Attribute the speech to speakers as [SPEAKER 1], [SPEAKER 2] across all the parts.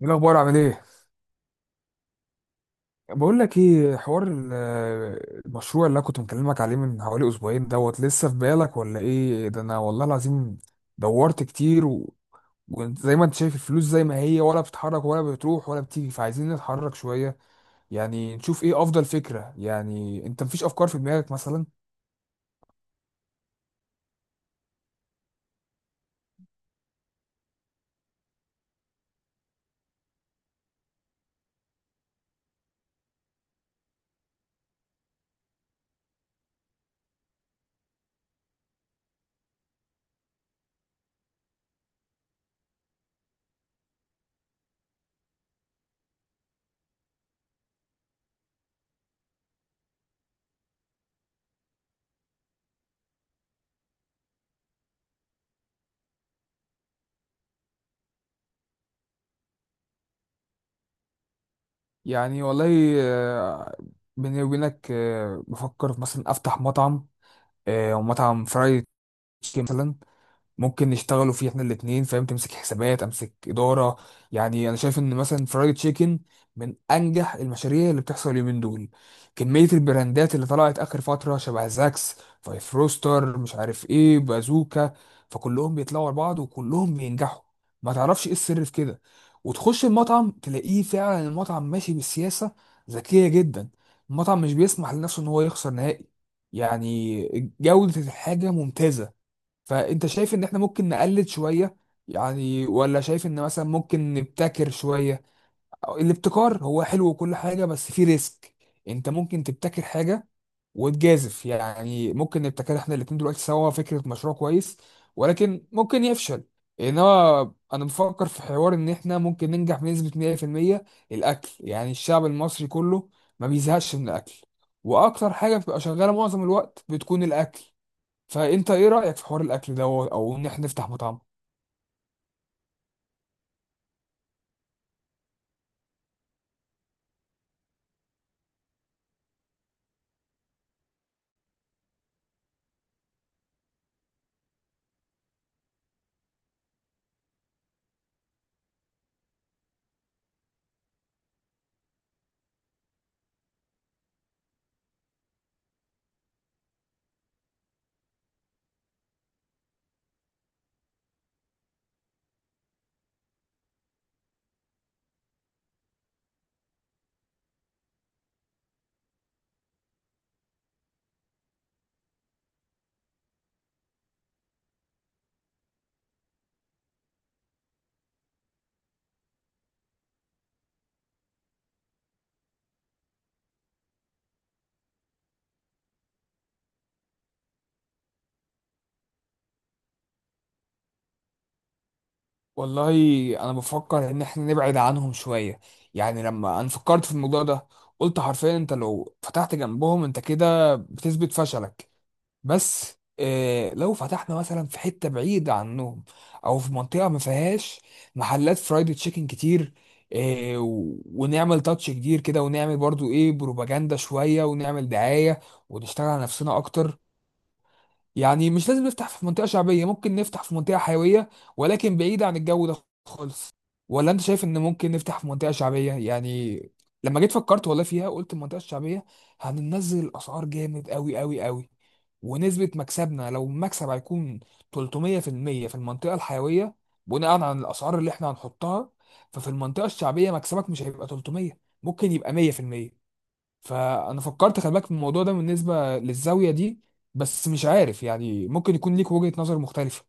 [SPEAKER 1] ايه الاخبار؟ عامل ايه؟ بقول لك ايه، حوار المشروع اللي انا كنت مكلمك عليه من حوالي اسبوعين دوت، لسه في بالك ولا ايه؟ ده انا والله العظيم دورت كتير وزي ما انت شايف الفلوس زي ما هي، ولا بتتحرك ولا بتروح ولا بتيجي، فعايزين نتحرك شوية. يعني نشوف ايه افضل فكرة. يعني انت مفيش افكار في دماغك مثلا؟ يعني والله، آه، بيني وبينك، بفكر مثلا افتح مطعم، مطعم فرايد تشيكن مثلا. ممكن نشتغلوا فيه احنا الاثنين، فاهم؟ تمسك حسابات، امسك اداره. يعني انا شايف ان مثلا فرايد تشيكن من انجح المشاريع اللي بتحصل اليومين دول. كميه البراندات اللي طلعت اخر فتره، شبه زاكس، فايف روستر، مش عارف ايه، بازوكا، فكلهم بيطلعوا لبعض وكلهم بينجحوا. ما تعرفش ايه السر في كده؟ وتخش المطعم تلاقيه فعلا المطعم ماشي بالسياسه ذكيه جدا. المطعم مش بيسمح لنفسه ان هو يخسر نهائي، يعني جوده الحاجه ممتازه. فانت شايف ان احنا ممكن نقلل شوية يعني؟ ولا شايف ان مثلا ممكن نبتكر شوية؟ أو الابتكار هو حلو وكل حاجة، بس فيه ريسك. انت ممكن تبتكر حاجة وتجازف، يعني ممكن نبتكر احنا الاتنين دلوقتي سوا فكرة مشروع كويس، ولكن ممكن يفشل. انما انا بفكر في حوار ان احنا ممكن ننجح بنسبة 100%. الاكل يعني الشعب المصري كله ما بيزهقش من الاكل، واكتر حاجة بتبقى شغالة معظم الوقت بتكون الاكل. فانت ايه رأيك في حوار الاكل دوت، او ان احنا نفتح مطعم؟ والله انا بفكر ان احنا نبعد عنهم شوية. يعني لما انا فكرت في الموضوع ده، قلت حرفيا انت لو فتحت جنبهم انت كده بتثبت فشلك. بس إيه لو فتحنا مثلا في حتة بعيدة عنهم، او في منطقة ما فيهاش محلات فرايد تشيكن كتير، إيه ونعمل تاتش كتير كده، ونعمل برضو ايه، بروباجندا شوية، ونعمل دعاية، ونشتغل على نفسنا اكتر. يعني مش لازم نفتح في منطقة شعبية، ممكن نفتح في منطقة حيوية، ولكن بعيدة عن الجو ده خالص. ولا انت شايف ان ممكن نفتح في منطقة شعبية يعني؟ لما جيت فكرت والله فيها، قلت المنطقة الشعبية هننزل الأسعار جامد قوي قوي قوي، ونسبة مكسبنا، لو المكسب هيكون 300% في المية في المنطقة الحيوية بناء على الأسعار اللي احنا هنحطها، ففي المنطقة الشعبية مكسبك مش هيبقى 300، ممكن يبقى 100%. فانا فكرت خلي بالك في الموضوع ده بالنسبه للزاويه دي. بس مش عارف يعني، ممكن يكون ليك وجهه نظر مختلفه.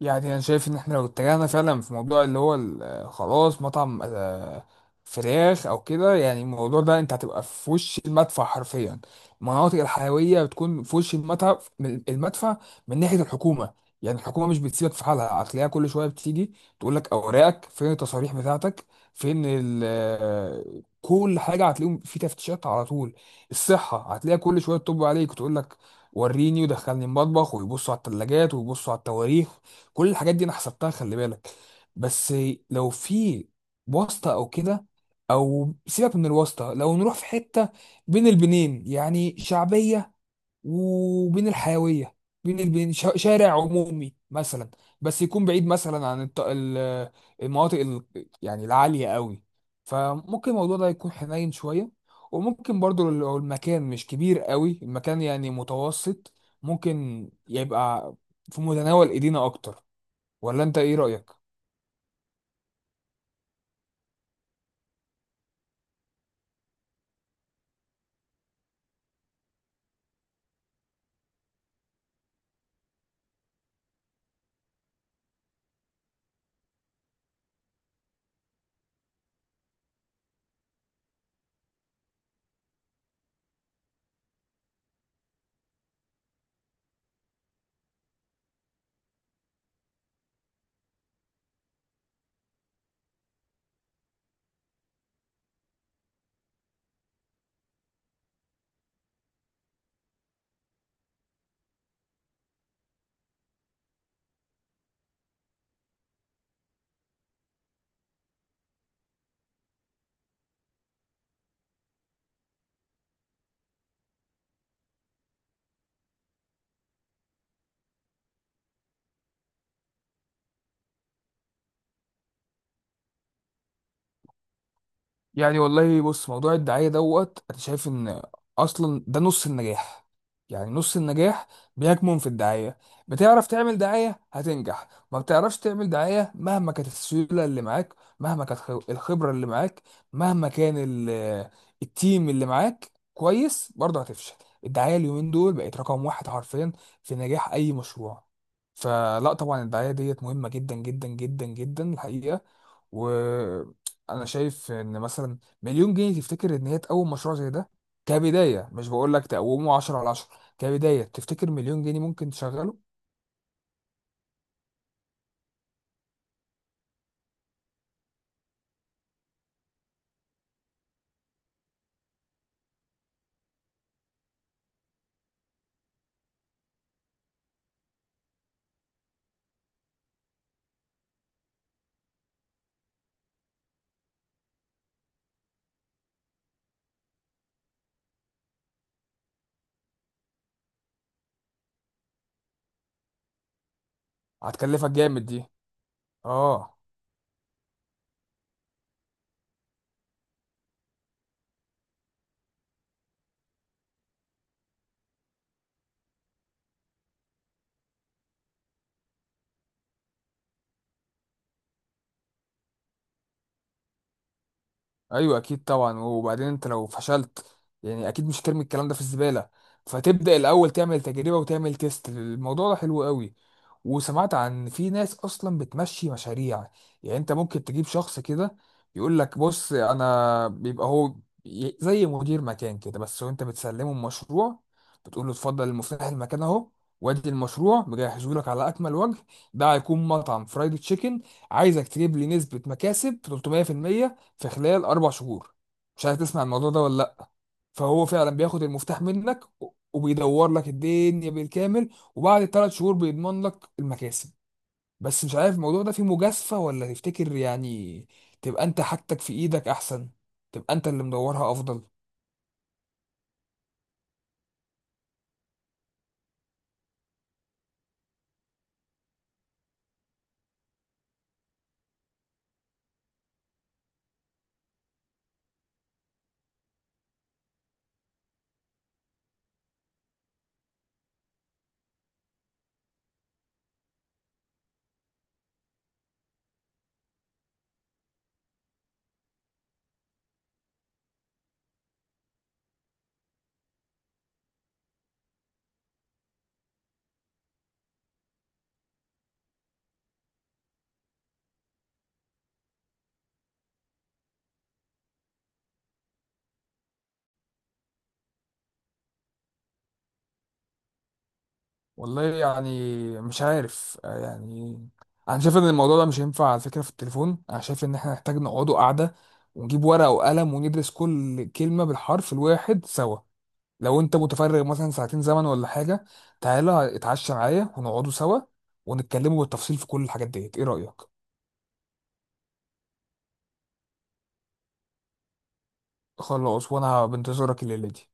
[SPEAKER 1] يعني انا شايف ان احنا لو اتجهنا فعلا في موضوع اللي هو خلاص مطعم، فراخ او كده، يعني الموضوع ده انت هتبقى في وش المدفع حرفيا. المناطق الحيويه بتكون في وش المدفع المدفع من ناحيه الحكومه. يعني الحكومه مش بتسيبك في حالها، هتلاقيها كل شويه بتيجي تقول لك اوراقك فين، التصاريح بتاعتك فين، ال آه، كل حاجه. هتلاقيهم في تفتيشات على طول. الصحه هتلاقيها كل شويه تطب عليك وتقول لك وريني ودخلني المطبخ، ويبصوا على الثلاجات ويبصوا على التواريخ. كل الحاجات دي انا حسبتها خلي بالك. بس لو في واسطة او كده، او سيبك من الواسطة، لو نروح في حتة بين البنين، يعني شعبية وبين الحيوية، بين البين، شارع عمومي مثلا، بس يكون بعيد مثلا عن المناطق يعني العالية قوي، فممكن الموضوع ده يكون حنين شوية. وممكن برضو لو المكان مش كبير قوي، المكان يعني متوسط، ممكن يبقى في متناول ايدينا اكتر. ولا انت ايه رأيك؟ يعني والله بص، موضوع الدعاية دوت انا شايف ان اصلا ده نص النجاح. يعني نص النجاح بيكمن في الدعاية. بتعرف تعمل دعاية هتنجح، ما بتعرفش تعمل دعاية مهما كانت السيولة اللي معاك، مهما كانت الخبرة اللي معاك، مهما كان التيم اللي معاك كويس، برضه هتفشل. الدعاية اليومين دول بقت رقم واحد حرفيا في نجاح اي مشروع. فلا طبعا الدعاية ديت مهمة جدا جدا جدا جدا الحقيقة. انا شايف ان مثلا مليون جنيه، تفتكر ان هي تقوم مشروع زي ده كبدايه؟ مش بقول لك تقومه 10 على 10، كبدايه تفتكر مليون جنيه ممكن تشغله؟ هتكلفك جامد دي، اه. ايوه اكيد طبعا، وبعدين انت لو فشلت يعني اكيد مش ترمي الكلام ده في الزباله. فتبدا الاول تعمل تجربه وتعمل تيست، الموضوع ده حلو قوي. وسمعت عن، في ناس اصلا بتمشي مشاريع. يعني انت ممكن تجيب شخص كده يقول لك بص انا بيبقى هو، زي مدير مكان كده بس، وانت بتسلمه المشروع، بتقول له اتفضل المفتاح، المكان اهو، وادي المشروع مجهزه لك على اكمل وجه. ده هيكون مطعم فرايد تشيكن، عايزك تجيب لي نسبه مكاسب 300% في خلال اربع شهور. مش عارف تسمع الموضوع ده ولا لا؟ فهو فعلا بياخد المفتاح منك، وبيدور لك الدنيا بالكامل، وبعد الثلاث شهور بيضمن لك المكاسب. بس مش عارف الموضوع ده فيه مجازفة، ولا تفتكر يعني تبقى انت حاجتك في ايدك احسن، تبقى انت اللي مدورها افضل؟ والله يعني مش عارف، آه يعني، انا شايف ان الموضوع ده مش هينفع على فكرة في التليفون. انا شايف ان احنا نحتاج نقعدوا قعدة ونجيب ورقة وقلم، وندرس كل كلمة بالحرف الواحد سوا. لو انت متفرغ مثلا ساعتين زمن ولا حاجه، تعالى اتعشى معايا ونقعدوا سوا، ونتكلموا بالتفصيل في كل الحاجات ديت. ايه رايك؟ خلاص، وانا بنتظرك الليله دي.